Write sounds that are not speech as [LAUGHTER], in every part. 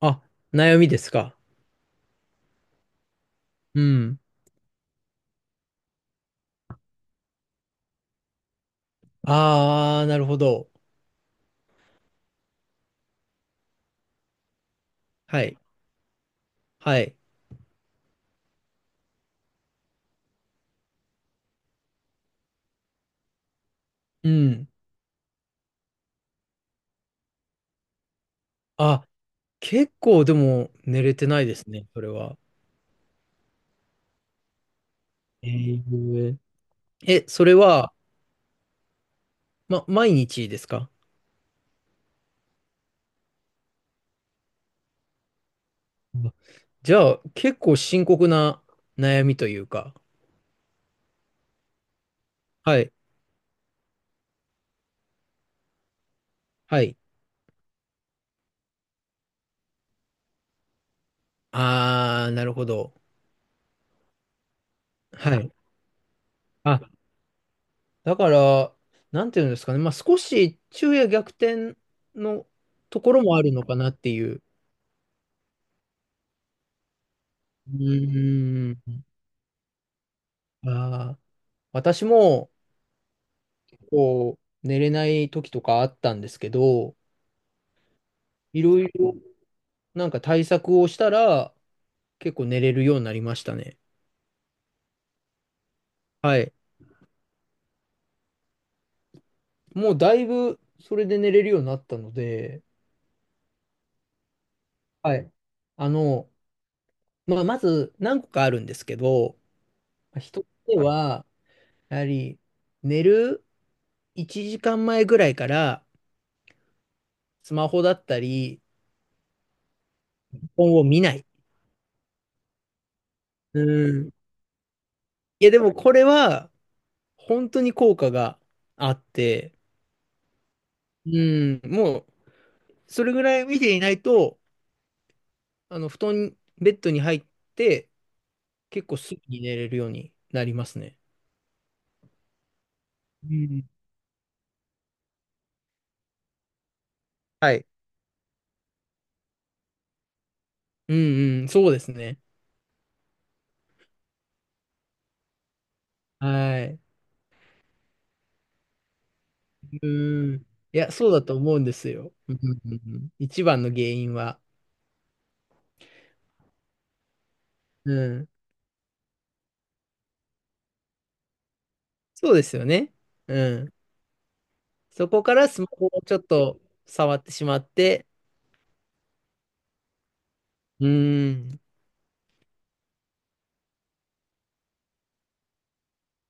あ、悩みですか。うん。ああ、なるほど。はい。はい。うん。あ、結構でも寝れてないですね、それは。えー、え、それは、ま、毎日ですか？あじゃあ、結構深刻な悩みというか。はい。はい。ああ、なるほど。はい。あ、だから、なんていうんですかね。まあ、少し昼夜逆転のところもあるのかなっていう。うーん。ああ、私も、こう、寝れない時とかあったんですけど、いろいろなんか対策をしたら、結構寝れるようになりましたね。はい。もうだいぶ、それで寝れるようになったので、はい。あの、まあ、まず何個かあるんですけど、一つ目はやはり、寝る1時間前ぐらいから、スマホだったり、本を見ない。うん。いや、でもこれは、本当に効果があって、うん、もう、それぐらい見ていないと、布団、ベッドに入って、結構すぐに寝れるようになりますね。うん。はい。うんうん、そうですね。はい。うん。いや、そうだと思うんですよ。うんうんうん、一番の原因は。うん。そうですよね。うん。そこからスマホをちょっと触ってしまって、うん。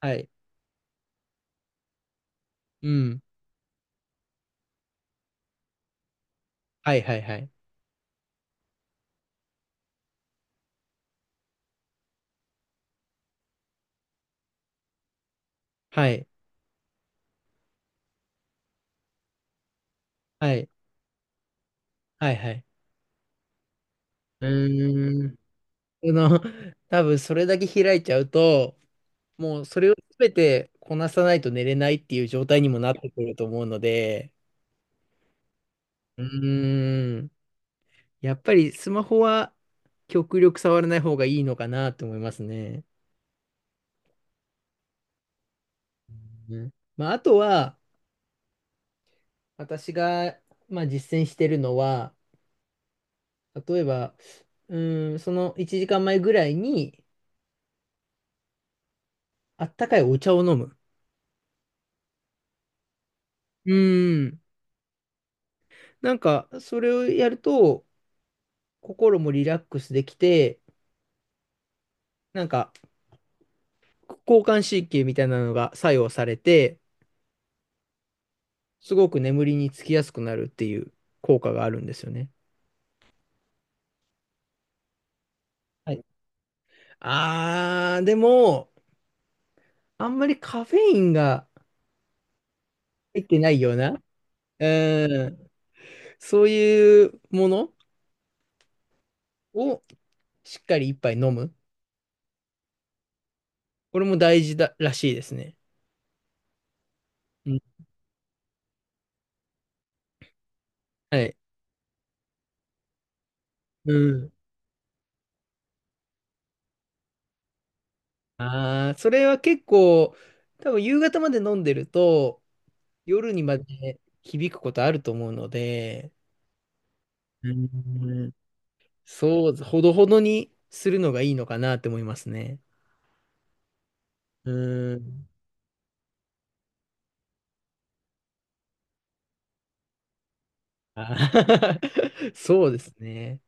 はい。うん。はいはいはい。はい。はい。はいはい。うん。あの、多分それだけ開いちゃうと、もうそれを全てこなさないと寝れないっていう状態にもなってくると思うので、うーん、やっぱりスマホは極力触らない方がいいのかなと思いますね。うん。まあ、あとは、私が、まあ、実践してるのは、例えば、うーん、その1時間前ぐらいに、あったかいお茶を飲む。うーん。なんか、それをやると、心もリラックスできて、なんか、交感神経みたいなのが作用されて、すごく眠りにつきやすくなるっていう効果があるんですよね。はい。あー、でも、あんまりカフェインが入ってないような、うん、そういうものをしっかり一杯飲む。これも大事だらしいですね。うん。はい。うん。あー、それは結構、多分夕方まで飲んでると、夜にまで響くことあると思うので、うん。そう、ほどほどにするのがいいのかなって思いますね。うーん。あ [LAUGHS] そうですね。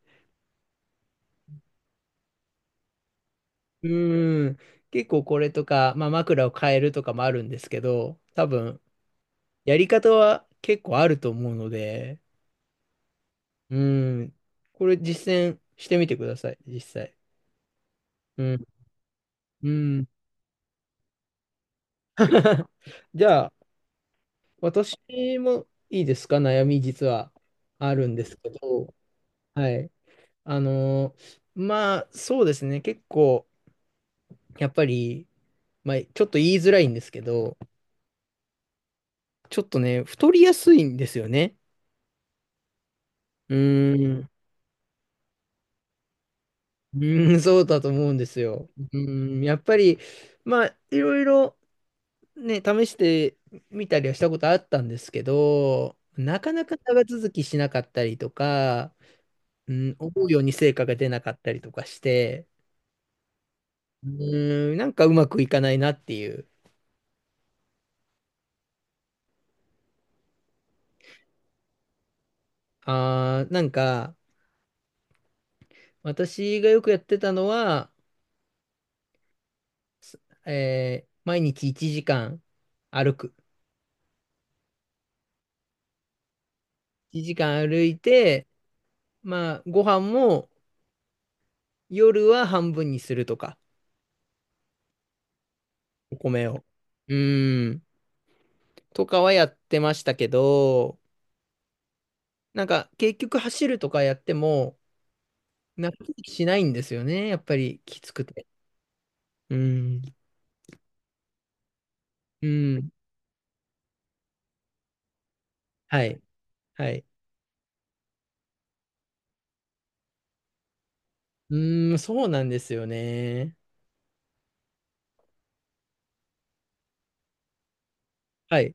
うーん。結構これとか、まあ、枕を変えるとかもあるんですけど、多分、やり方は結構あると思うので、うーん。これ実践してみてください、実際。うん。うん。[LAUGHS] じゃあ、私もいいですか、悩み実はあるんですけど、はい。あのまあ、そうですね。結構、やっぱり、まあ、ちょっと言いづらいんですけど、ちょっとね、太りやすいんですよね。うーん、うーん、そうだと思うんですよ。うーん、やっぱり、まあ、いろいろ、ね、試してみたりはしたことあったんですけど、なかなか長続きしなかったりとか、うん、思うように成果が出なかったりとかして、うーん、なんかうまくいかないなっていう。あー、なんか、私がよくやってたのは、毎日1時間歩く。1時間歩いて、まあ、ご飯も夜は半分にするとか、お米を。うーん、とかはやってましたけど、なんか結局走るとかやっても、納得しないんですよね、やっぱりきつくて。うーん、うーん、はい、はい。うーん、そうなんですよね。はい、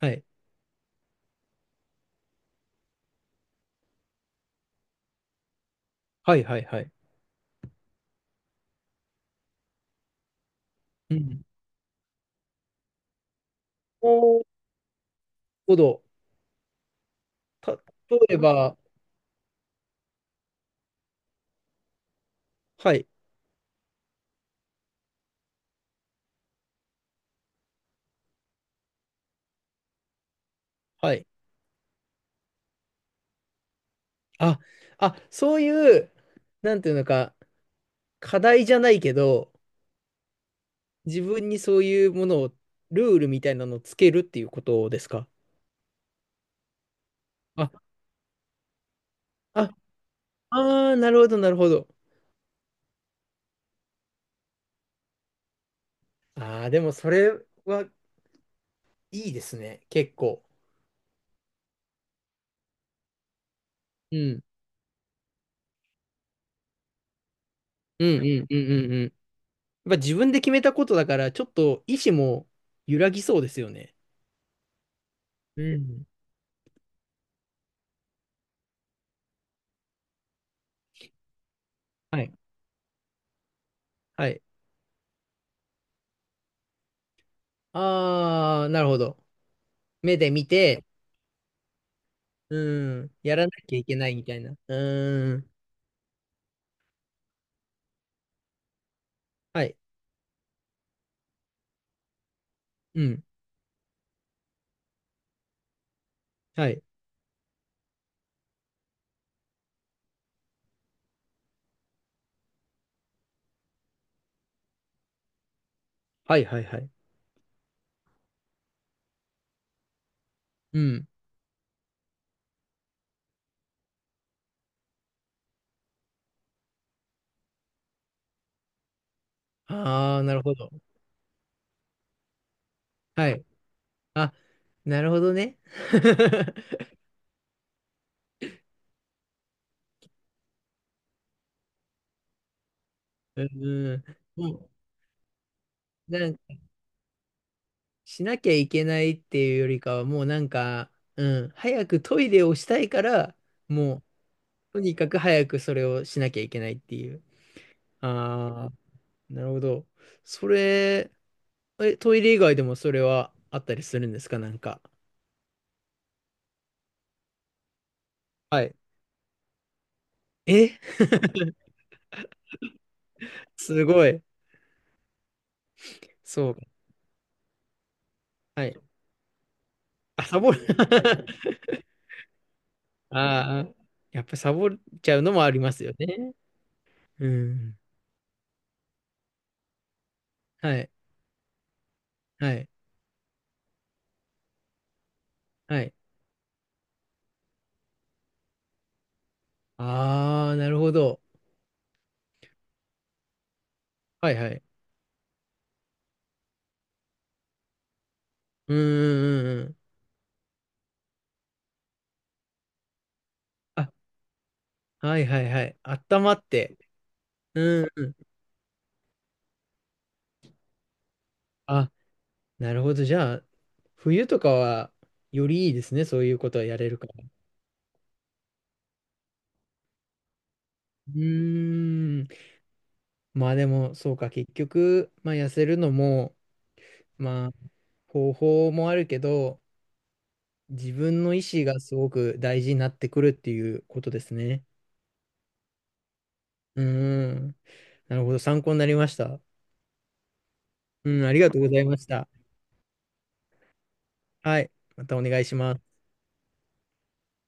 はい、はい、はい、はい。うん。おーなるほど。た、例えば、はい、はい。あ、そういう、なんていうのか、課題じゃないけど、自分にそういうものを、ルールみたいなのをつけるっていうことですか？あ、あ、あーなるほど、なるほど。ああ、でもそれはいいですね、結構。うん。うんうんうんうんうん。やっぱ自分で決めたことだから、ちょっと意志も揺らぎそうですよね。うん。はい。はい。ああ、なるほど。目で見て、うん。やらなきゃいけないみたいな。うん。はい。うん。はい。はいはいはい。うん。ああ、なるほど。はい。あ、なるほどね。[LAUGHS] うん。もう、しなきゃいけないっていうよりかは、もうなんか、うん。早くトイレをしたいから、もう、とにかく早くそれをしなきゃいけないっていう。ああ、なるほど。それ、え、トイレ以外でもそれはあったりするんですかなんか？はい。え、すごい。そう。はい。あ、サボる。[LAUGHS] ああ、やっぱサボっちゃうのもありますよね。うん。はい。はい。はい。ああ、なるほど。はいはい。うんうんうんうん。あ、はいはいはい。あったまって。うんうん。あ、なるほど。じゃあ、冬とかは、よりいいですね。そういうことはやれるから。うーん。まあでも、そうか。結局、まあ痩せるのも、まあ、方法もあるけど、自分の意思がすごく大事になってくるっていうことですね。うーん。なるほど。参考になりました。うん、ありがとうございました。はい。またお願いします。